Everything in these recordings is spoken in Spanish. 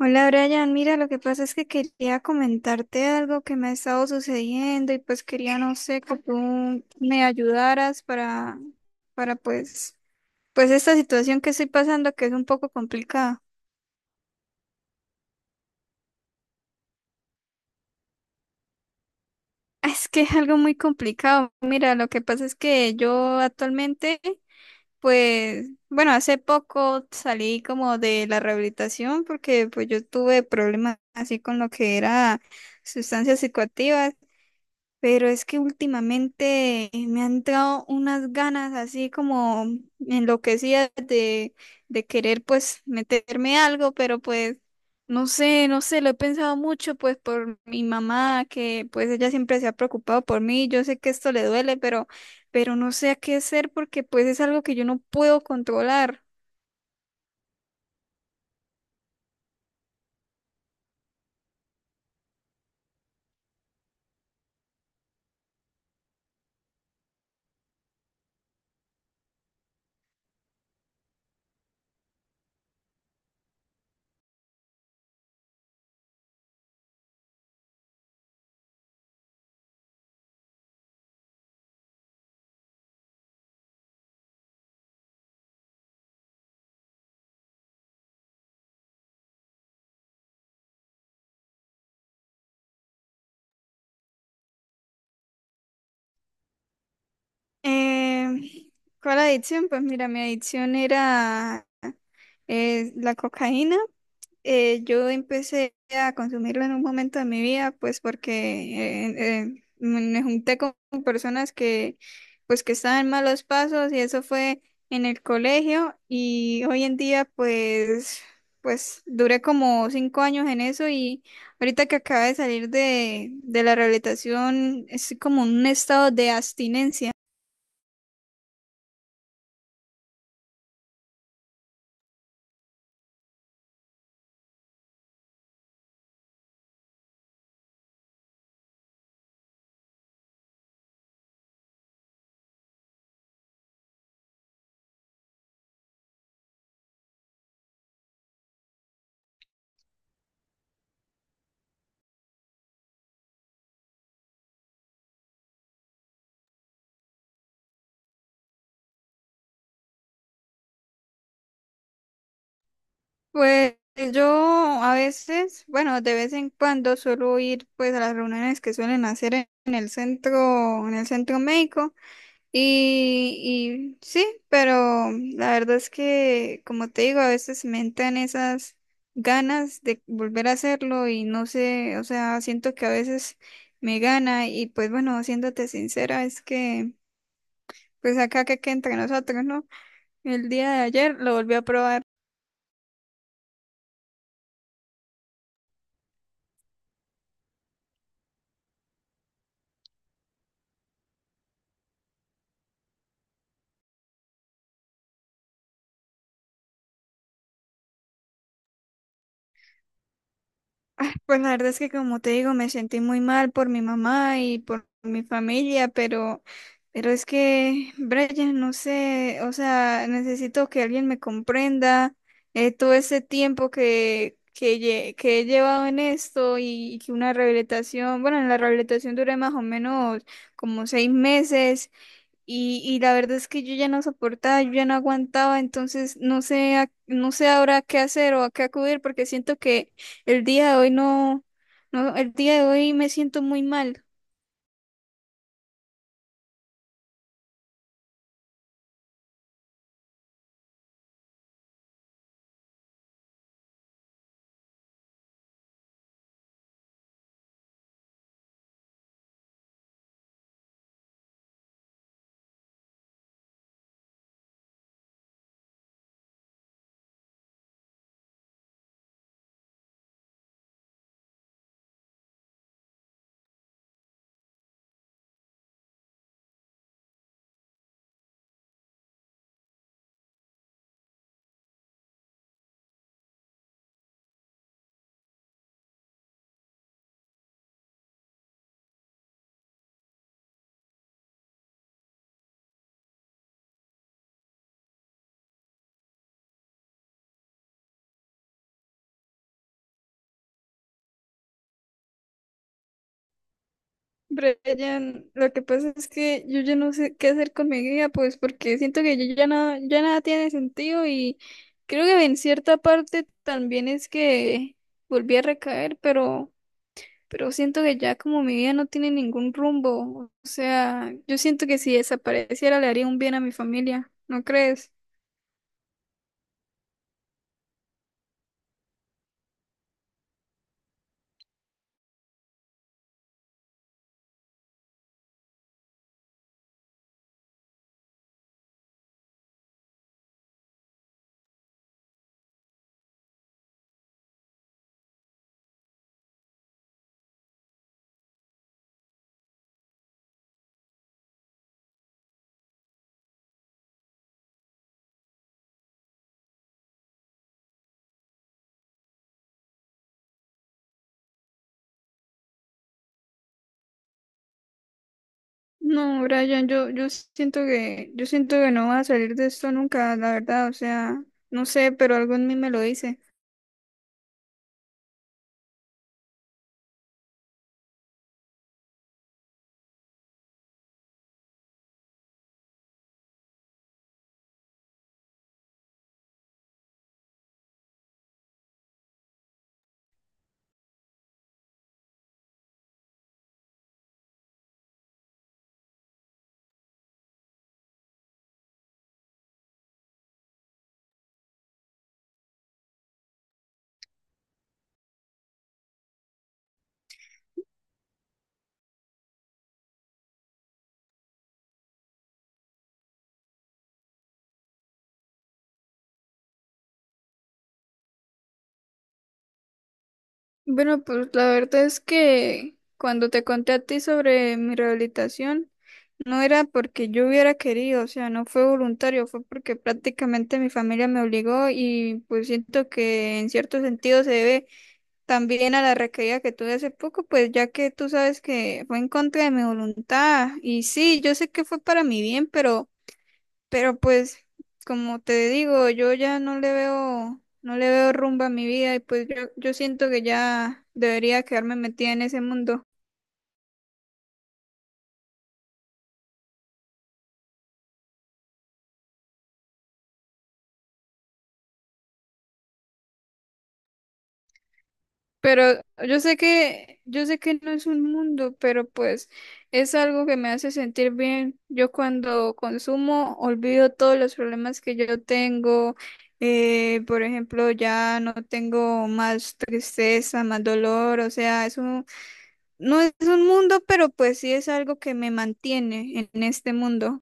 Hola, Brian, mira, lo que pasa es que quería comentarte algo que me ha estado sucediendo y pues quería, no sé, que tú me ayudaras para esta situación que estoy pasando, que es un poco complicada. Es que es algo muy complicado. Mira, lo que pasa es que yo actualmente, pues, bueno, hace poco salí como de la rehabilitación porque pues yo tuve problemas así con lo que era sustancias psicoactivas. Pero es que últimamente me han dado unas ganas así como enloquecidas de querer pues meterme algo, pero pues no sé, lo he pensado mucho pues por mi mamá, que pues ella siempre se ha preocupado por mí. Yo sé que esto le duele, pero no sé a qué hacer porque pues es algo que yo no puedo controlar. Eh, ¿Cuál adicción? Pues mira, mi adicción era la cocaína. Yo empecé a consumirlo en un momento de mi vida, pues porque me junté con personas que, pues que estaban en malos pasos, y eso fue en el colegio. Y hoy en día, pues, pues duré como 5 años en eso. Y ahorita que acabo de salir de la rehabilitación, es como un estado de abstinencia. Pues yo a veces, bueno, de vez en cuando suelo ir pues a las reuniones que suelen hacer en el centro, en el centro médico, y sí, pero la verdad es que, como te digo, a veces me entran esas ganas de volver a hacerlo y no sé, o sea, siento que a veces me gana. Y pues bueno, siéndote sincera, es que pues acá que entre nosotros, ¿no? El día de ayer lo volví a probar. Ah, pues la verdad es que, como te digo, me sentí muy mal por mi mamá y por mi familia, pero es que, Brian, no sé, o sea, necesito que alguien me comprenda todo ese tiempo que he llevado en esto. Y, y que una rehabilitación, bueno, en la rehabilitación duré más o menos como 6 meses. Y, y la verdad es que yo ya no soportaba, yo ya no aguantaba, entonces no sé, no sé ahora qué hacer o a qué acudir, porque siento que el día de hoy no, no, el día de hoy me siento muy mal. Brian, lo que pasa es que yo ya no sé qué hacer con mi vida, pues porque siento que yo ya nada tiene sentido. Y creo que en cierta parte también es que volví a recaer, pero siento que ya como mi vida no tiene ningún rumbo. O sea, yo siento que si desapareciera le haría un bien a mi familia, ¿no crees? No, Brian, yo, yo siento que no vas a salir de esto nunca, la verdad, o sea, no sé, pero algo en mí me lo dice. Bueno, pues la verdad es que cuando te conté a ti sobre mi rehabilitación, no era porque yo hubiera querido, o sea, no fue voluntario, fue porque prácticamente mi familia me obligó. Y pues siento que en cierto sentido se debe también a la recaída que tuve hace poco, pues ya que tú sabes que fue en contra de mi voluntad. Y sí, yo sé que fue para mi bien, pero pues, como te digo, yo ya no le veo, no le veo rumbo a mi vida. Y pues yo siento que ya debería quedarme metida en ese mundo. Pero yo sé que no es un mundo, pero pues es algo que me hace sentir bien. Yo cuando consumo olvido todos los problemas que yo tengo. Por ejemplo, ya no tengo más tristeza, más dolor. O sea, es un, no es un mundo, pero pues sí es algo que me mantiene en este mundo.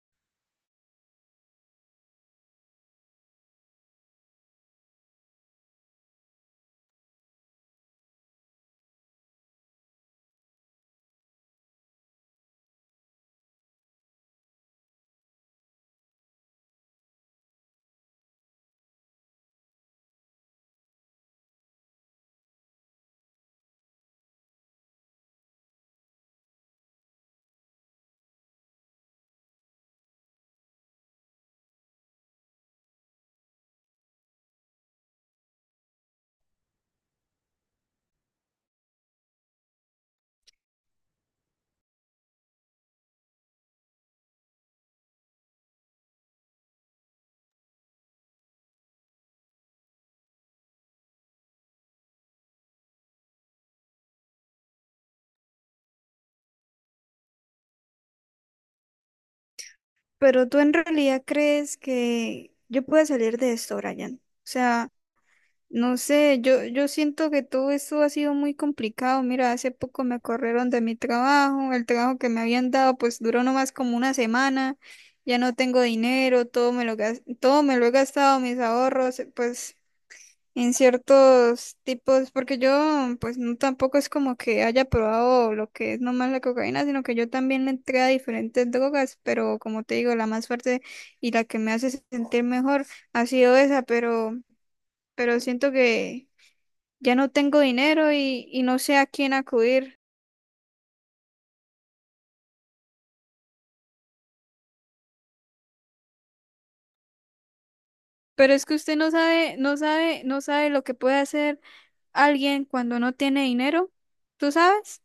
Pero tú en realidad crees que yo pueda salir de esto, Brian. O sea. No sé, yo siento que todo esto ha sido muy complicado. Mira, hace poco me corrieron de mi trabajo, el trabajo que me habían dado pues duró nomás como una semana, ya no tengo dinero, todo me lo todo me lo he gastado, mis ahorros, pues en ciertos tipos, porque yo pues no, tampoco es como que haya probado lo que es nomás la cocaína, sino que yo también le entré a diferentes drogas. Pero como te digo, la más fuerte y la que me hace sentir mejor ha sido esa, pero siento que ya no tengo dinero y no sé a quién acudir. Pero es que usted no sabe, no sabe lo que puede hacer alguien cuando no tiene dinero, ¿tú sabes?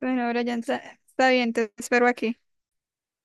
Bueno, ahora ya está bien, te espero aquí.